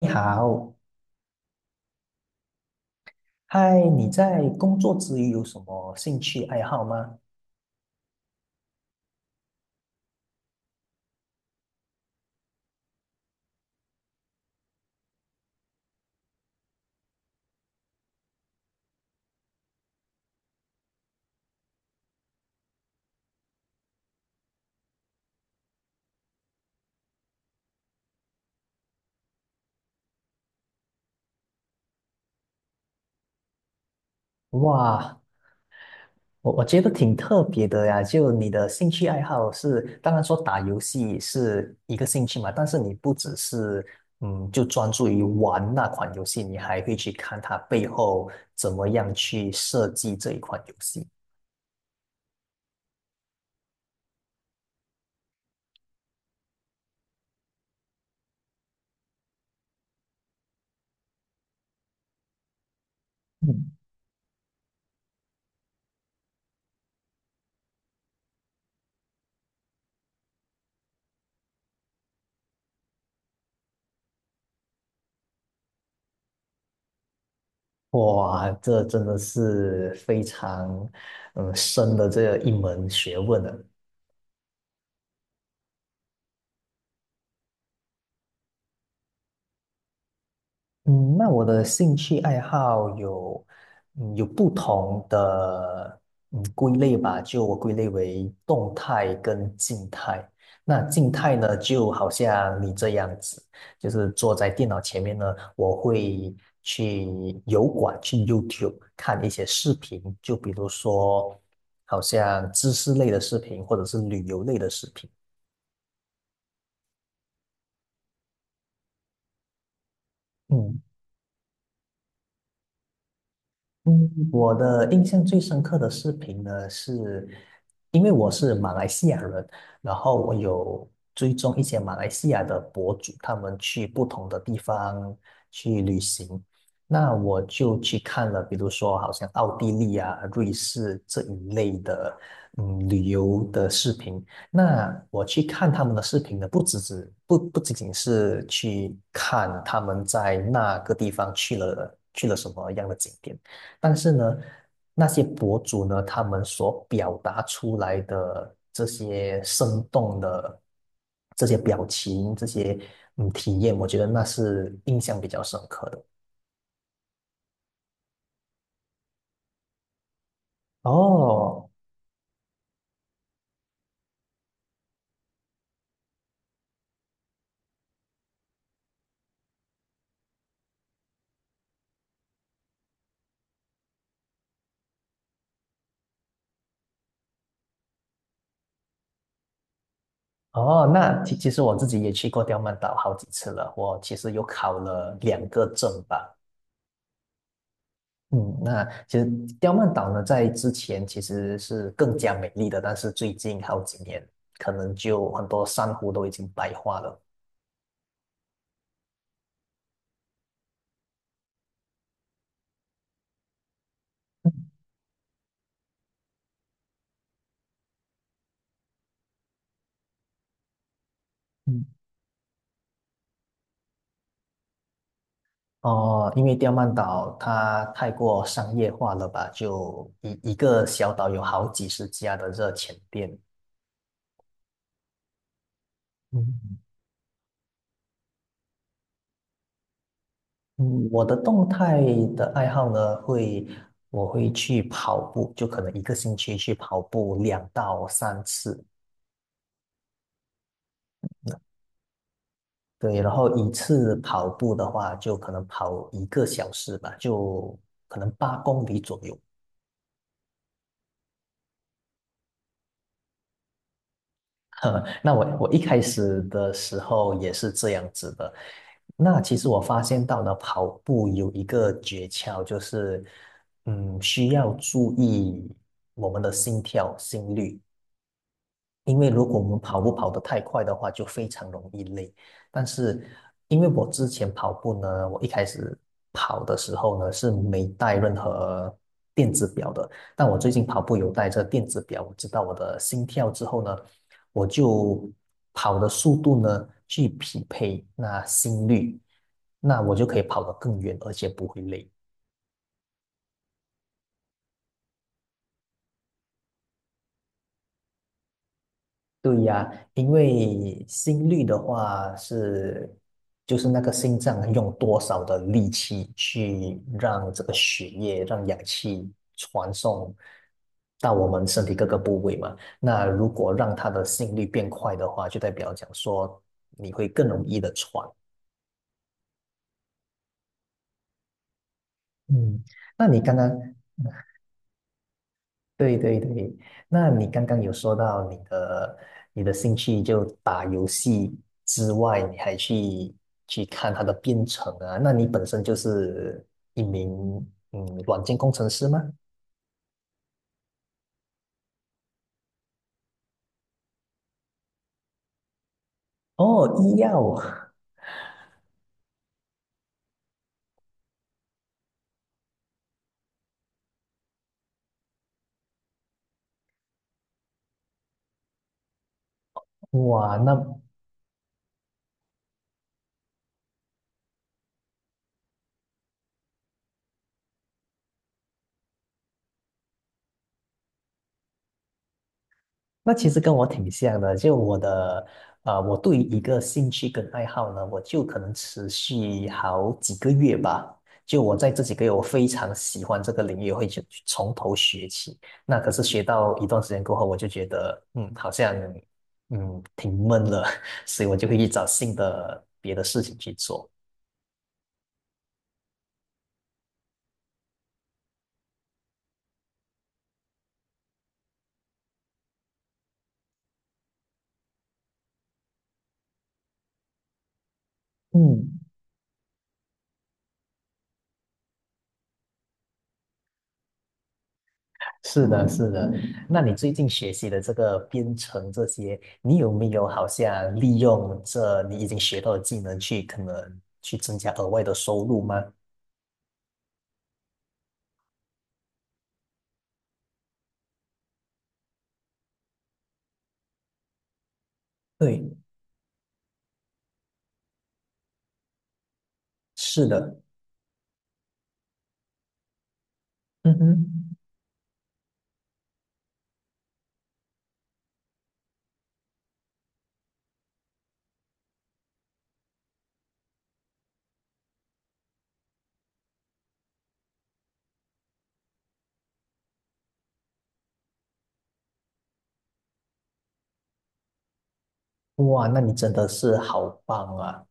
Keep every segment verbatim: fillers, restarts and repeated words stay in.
你好，嗨，你在工作之余有什么兴趣爱好吗？哇，我我觉得挺特别的呀。就你的兴趣爱好是，当然说打游戏是一个兴趣嘛，但是你不只是嗯，就专注于玩那款游戏，你还会去看它背后怎么样去设计这一款游戏。嗯，哇，这真的是非常嗯深的这一门学问呢。嗯，那我的兴趣爱好有，嗯，有不同的嗯归类吧，就我归类为动态跟静态。那静态呢，就好像你这样子，就是坐在电脑前面呢，我会去油管、去 YouTube 看一些视频，就比如说好像知识类的视频或者是旅游类的视频。嗯，嗯，我的印象最深刻的视频呢，是因为我是马来西亚人，然后我有追踪一些马来西亚的博主，他们去不同的地方去旅行，那我就去看了，比如说好像奥地利啊、瑞士这一类的，嗯，旅游的视频。那我去看他们的视频呢，不只是不不仅仅是去看他们在那个地方去了去了什么样的景点。但是呢，那些博主呢，他们所表达出来的这些生动的这些表情、这些嗯体验，我觉得那是印象比较深刻的。哦哦，那其其实我自己也去过刁曼岛好几次了，我其实有考了两个证吧。嗯，那其实刁曼岛呢，在之前其实是更加美丽的，但是最近好几年，可能就很多珊瑚都已经白化了。嗯。哦，因为刁曼岛它太过商业化了吧，就一一个小岛有好几十家的热钱店。嗯嗯，我的动态的爱好呢，会我会去跑步，就可能一个星期去跑步两到三次。对，然后一次跑步的话，就可能跑一个小时吧，就可能八公里左右。呵，那我我一开始的时候也是这样子的。那其实我发现到呢，跑步有一个诀窍，就是嗯，需要注意我们的心跳、心率。因为如果我们跑步跑得太快的话，就非常容易累。但是因为我之前跑步呢，我一开始跑的时候呢是没带任何电子表的，但我最近跑步有带着电子表，我知道我的心跳之后呢，我就跑的速度呢去匹配那心率，那我就可以跑得更远，而且不会累。对呀，因为心率的话是，就是那个心脏用多少的力气去让这个血液、让氧气传送到我们身体各个部位嘛。那如果让它的心率变快的话，就代表讲说你会更容易的喘。嗯，那你刚刚对对对，那你刚刚有说到你的你的兴趣就打游戏之外，你还去去看它的编程啊？那你本身就是一名嗯软件工程师吗？哦，医药，哇，那那其实跟我挺像的，就我的，呃，我对于一个兴趣跟爱好呢，我就可能持续好几个月吧。就我在这几个月，我非常喜欢这个领域，我会去去从头学起。那可是学到一段时间过后，我就觉得，嗯，好像，嗯，挺闷了，所以我就会去找新的别的事情去做。嗯。是的，是的。那你最近学习的这个编程这些，你有没有好像利用这你已经学到的技能去可能去增加额外的收入吗？对，是的。嗯哼，哇，那你真的是好棒啊！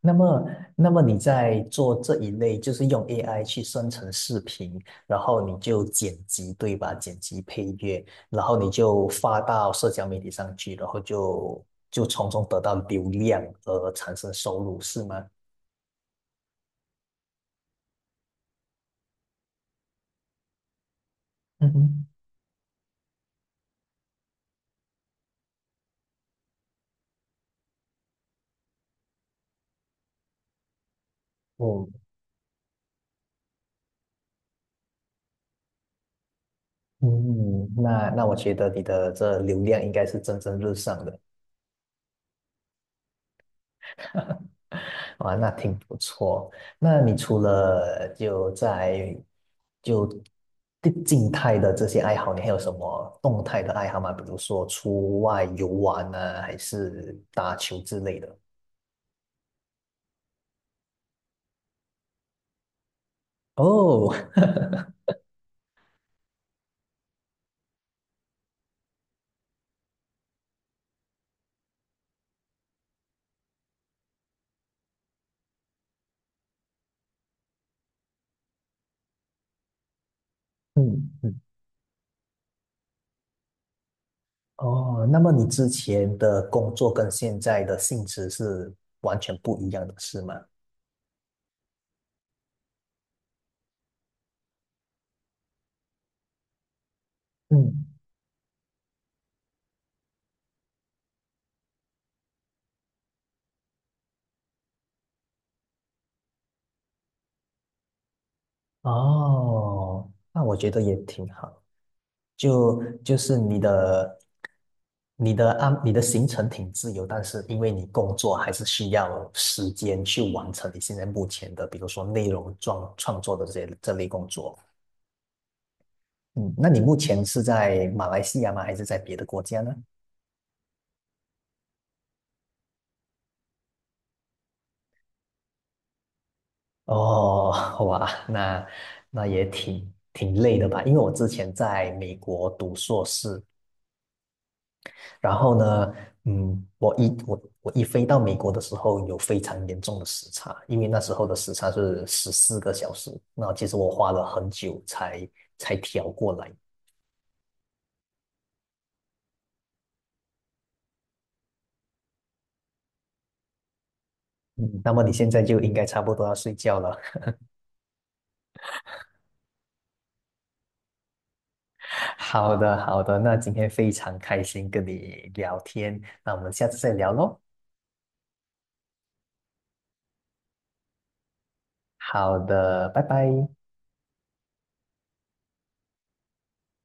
那么，那么你在做这一类，就是用 A I 去生成视频，然后你就剪辑，对吧？剪辑配乐，然后你就发到社交媒体上去，然后就就从中得到流量而产生收入，是吗？嗯哼，嗯嗯，那那我觉得你的这流量应该是蒸蒸日上的。哇，那挺不错。那你除了就在就静静态的这些爱好，你还有什么动态的爱好吗？比如说出外游玩啊，还是打球之类的？哦，嗯嗯，哦，那么你之前的工作跟现在的性质是完全不一样的，是吗？嗯，哦，那我觉得也挺好。就就是你的你的安你的行程挺自由，但是因为你工作还是需要时间去完成你现在目前的，比如说内容创创作的这些这类工作。嗯，那你目前是在马来西亚吗？还是在别的国家呢？哦，哇，那那也挺挺累的吧？因为我之前在美国读硕士，然后呢，嗯，我一我我一飞到美国的时候，有非常严重的时差，因为那时候的时差是十四个小时。那其实我花了很久才才调过来。嗯，那么你现在就应该差不多要睡觉了。好的，好的，那今天非常开心跟你聊天，那我们下次再聊喽。好的，拜拜。